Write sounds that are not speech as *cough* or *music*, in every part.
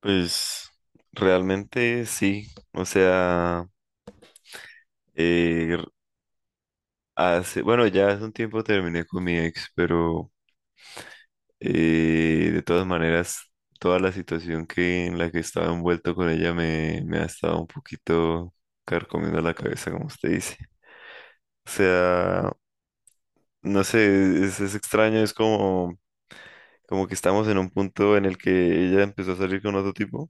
Pues realmente sí, o sea, eh, bueno, ya hace un tiempo terminé con mi ex, pero de todas maneras, toda la situación que en la que estaba envuelto con ella me ha estado un poquito carcomiendo la cabeza, como usted dice. O sea, no sé, es extraño, es como que estamos en un punto en el que ella empezó a salir con otro tipo,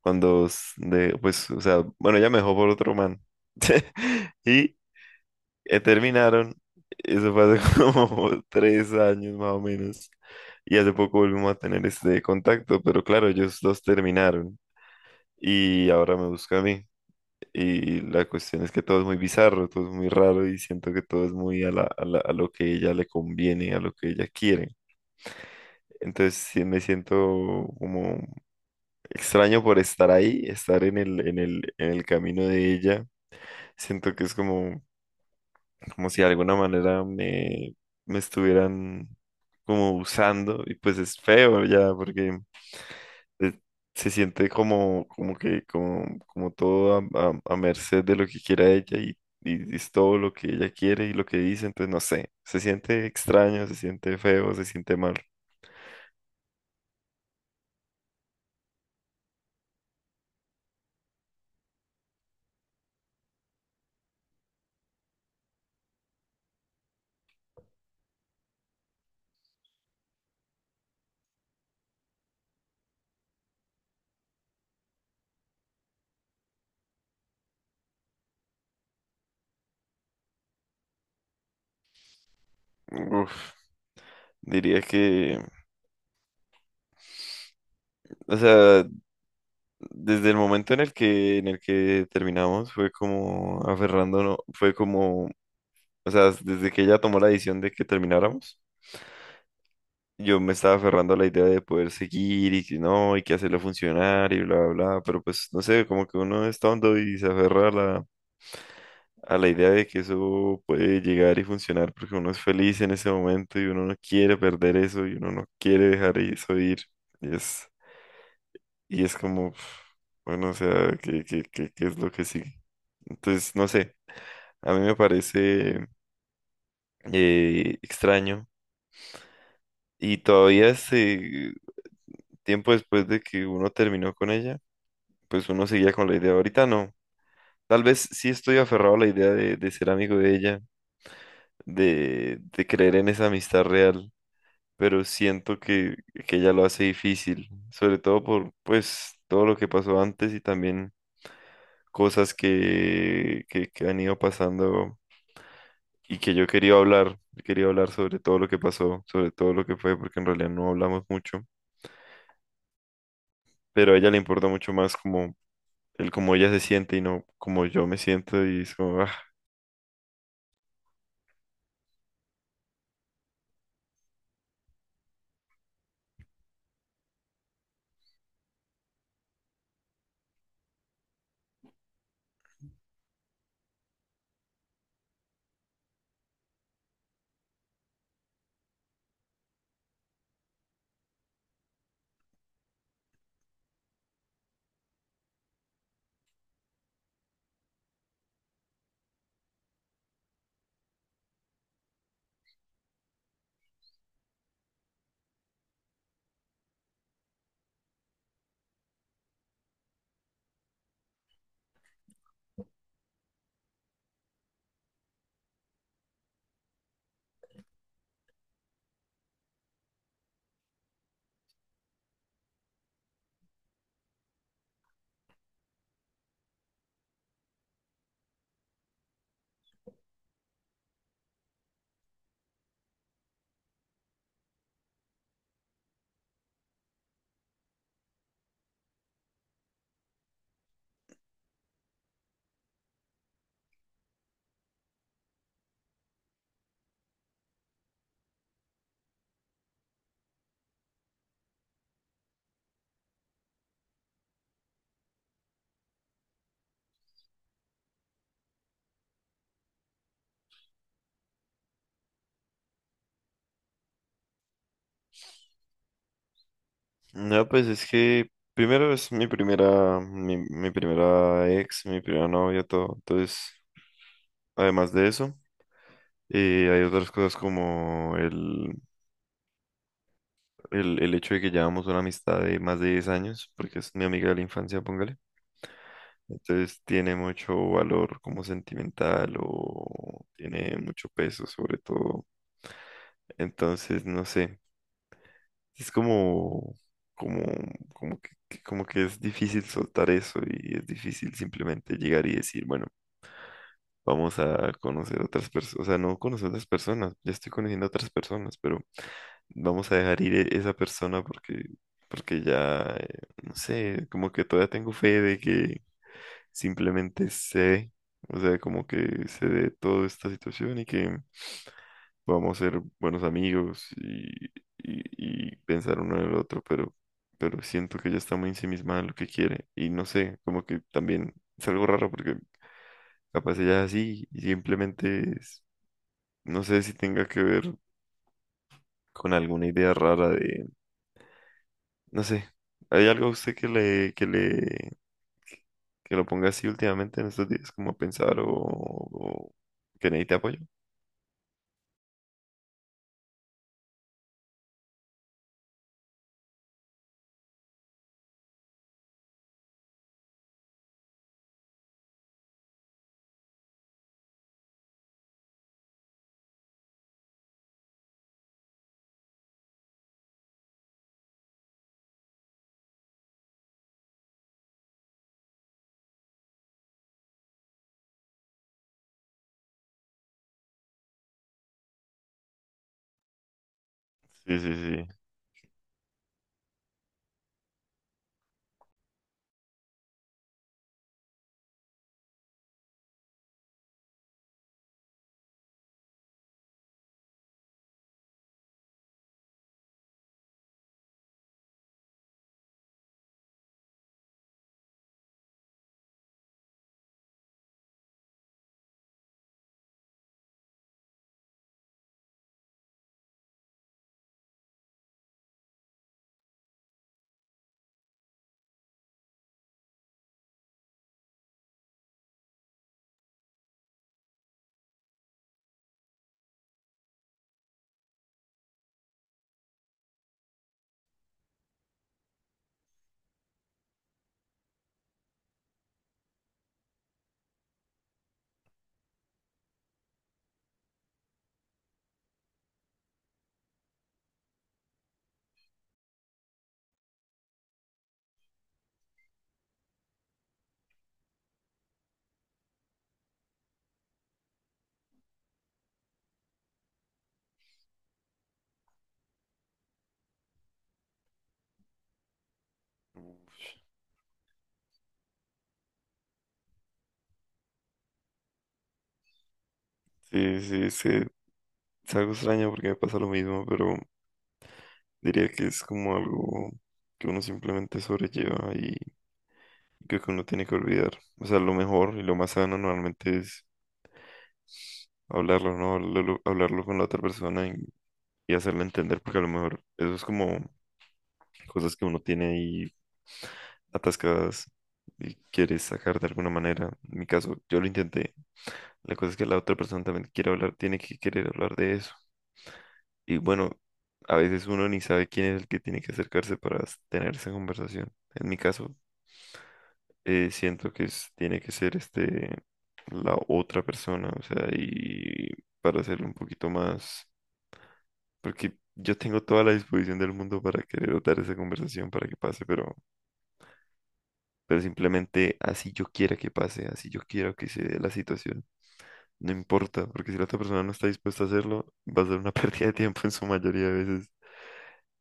pues, o sea, bueno, ella me dejó por otro man. *laughs* Y terminaron. Eso fue hace *laughs* como 3 años más o menos. Y hace poco volvimos a tener este contacto, pero claro, ellos dos terminaron y ahora me busca a mí. Y la cuestión es que todo es muy bizarro, todo es muy raro y siento que todo es muy a lo que ella le conviene, a lo que ella quiere. Entonces sí me siento como extraño por estar ahí, estar en el camino de ella. Siento que es como si de alguna manera me estuvieran como usando y pues es feo ya porque eh, se siente como que como todo a merced de lo que quiera ella y es todo lo que ella quiere y lo que dice, entonces no sé, se siente extraño, se siente feo, se siente mal. Uf, diría que, o sea, desde el momento en el que terminamos fue como aferrándonos, fue como O sea, desde que ella tomó la decisión de que termináramos, yo me estaba aferrando a la idea de poder seguir y que no, y que hacerlo funcionar y bla, bla, bla, pero pues no sé, como que uno es tonto y se aferra a la idea de que eso puede llegar y funcionar porque uno es feliz en ese momento y uno no quiere perder eso y uno no quiere dejar eso ir. Y es, y es como, bueno, o sea, ¿qué es lo que sigue? Entonces, no sé, a mí me parece extraño. Y todavía tiempo después de que uno terminó con ella, pues uno seguía con la idea. Ahorita no. Tal vez sí estoy aferrado a la idea de ser amigo de ella, de creer en esa amistad real, pero siento que ella lo hace difícil, sobre todo por pues todo lo que pasó antes y también cosas que han ido pasando y que yo quería hablar sobre todo lo que pasó, sobre todo lo que fue, porque en realidad no hablamos mucho, pero a ella le importa mucho más como el cómo ella se siente y no como yo me siento y es como, ah. No, pues es que primero es mi primera ex, mi primera novia, todo. Entonces, además de eso, hay otras cosas como el hecho de que llevamos una amistad de más de 10 años, porque es mi amiga de la infancia, póngale. Entonces tiene mucho valor como sentimental o tiene mucho peso sobre todo. Entonces, no sé. Es como, como que es difícil soltar eso y es difícil simplemente llegar y decir, bueno, vamos a conocer otras personas, o sea, no conocer otras personas, ya estoy conociendo otras personas, pero vamos a dejar ir esa persona porque, ya, no sé, como que todavía tengo fe de que simplemente o sea, como que se dé toda esta situación y que vamos a ser buenos amigos y pensar uno en el otro, pero siento que ella está muy ensimismada en lo que quiere y no sé, como que también es algo raro porque capaz ella es así y simplemente no sé si tenga que ver con alguna idea rara de, no sé, ¿hay algo a usted que lo ponga así últimamente en estos días como a pensar o que necesite apoyo? Sí, sí, sí. Uf, sí, sí, es que es algo extraño porque me pasa lo mismo, pero diría que es como algo que uno simplemente sobrelleva y que uno tiene que olvidar. O sea, lo mejor y lo más sano normalmente es hablarlo, ¿no? hablarlo, hablarlo con la otra persona y hacerle entender, porque a lo mejor eso es como cosas que uno tiene ahí atascadas y quiere sacar de alguna manera. En mi caso, yo lo intenté. La cosa es que la otra persona también quiere hablar, tiene que querer hablar de eso. Y bueno, a veces uno ni sabe quién es el que tiene que acercarse para tener esa conversación. En mi caso, siento que tiene que ser este la otra persona, o sea, y para hacerlo un poquito más, porque yo tengo toda la disposición del mundo para querer dar esa conversación para que pase, pero simplemente así yo quiera que pase, así yo quiero que se dé la situación, no importa, porque si la otra persona no está dispuesta a hacerlo, *laughs* va a ser una *laughs* pérdida de tiempo en su mayoría de veces.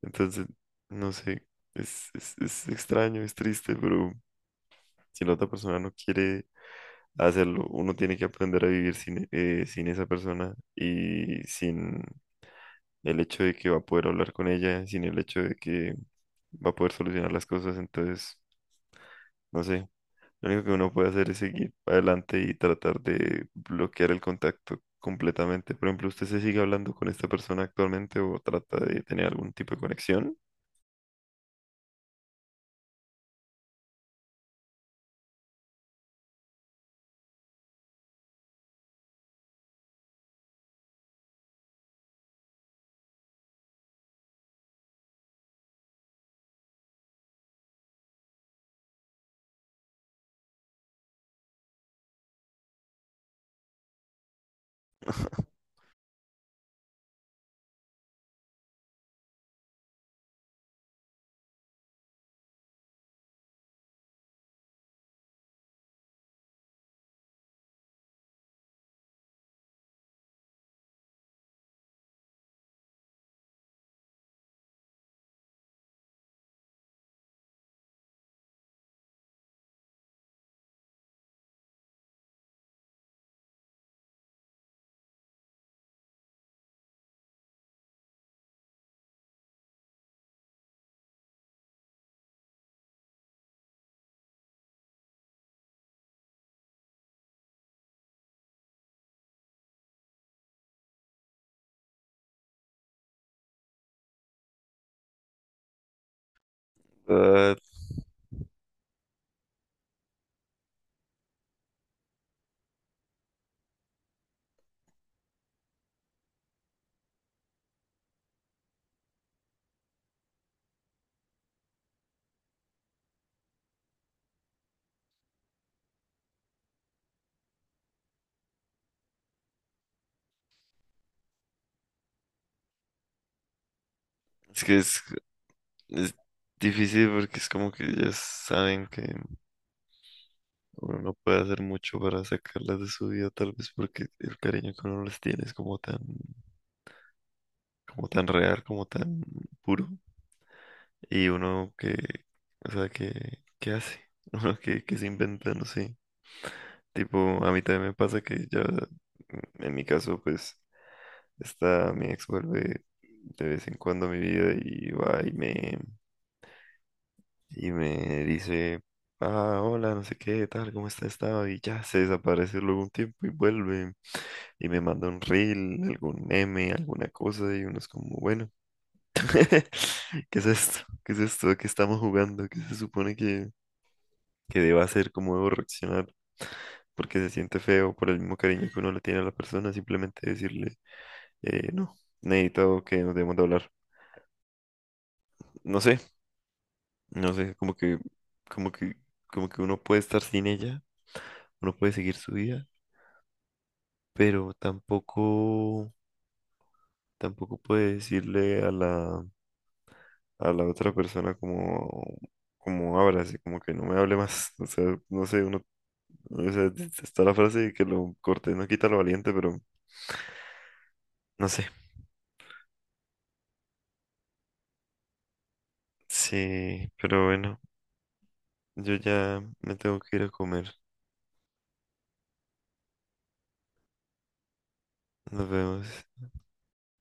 Entonces, no sé, es extraño, es triste, pero si la otra persona no quiere hacerlo. Uno tiene que aprender a vivir sin esa persona y sin el hecho de que va a poder hablar con ella, sin el hecho de que va a poder solucionar las cosas. Entonces, no sé, lo único que uno puede hacer es seguir adelante y tratar de bloquear el contacto completamente. Por ejemplo, ¿usted se sigue hablando con esta persona actualmente o trata de tener algún tipo de conexión? *laughs* Ah, es que es difícil porque es como que ya saben que... Uno no puede hacer mucho para sacarlas de su vida, tal vez porque el cariño que uno les tiene es como tan real, como tan puro. Y uno que, o sea, que, ¿qué hace? *laughs* Uno que se inventa, no sé. Tipo, a mí también me pasa que ya, en mi caso, pues, está mi ex vuelve de vez en cuando a mi vida y va y y me dice, ah, hola, no sé qué, tal, ¿cómo está estado? Y ya se desaparece luego un tiempo y vuelve. Y me manda un reel, algún meme, alguna cosa, y uno es como, bueno, *laughs* ¿qué es esto? ¿Qué es esto? ¿A ¿Qué estamos jugando? ¿Qué se supone que deba hacer? ¿Cómo debo reaccionar? Porque se siente feo por el mismo cariño que uno le tiene a la persona, simplemente decirle, no, necesito que nos debemos de hablar. No sé, no sé, como que, como que uno puede estar sin ella, uno puede seguir su vida, pero tampoco puede decirle a la otra persona como habla, así como que no me hable más. *laughs* O sea, no sé, uno, o sea, está la frase de que lo corté, no quita lo valiente, pero no sé. Sí, pero bueno, yo ya me tengo que ir a comer. Nos vemos.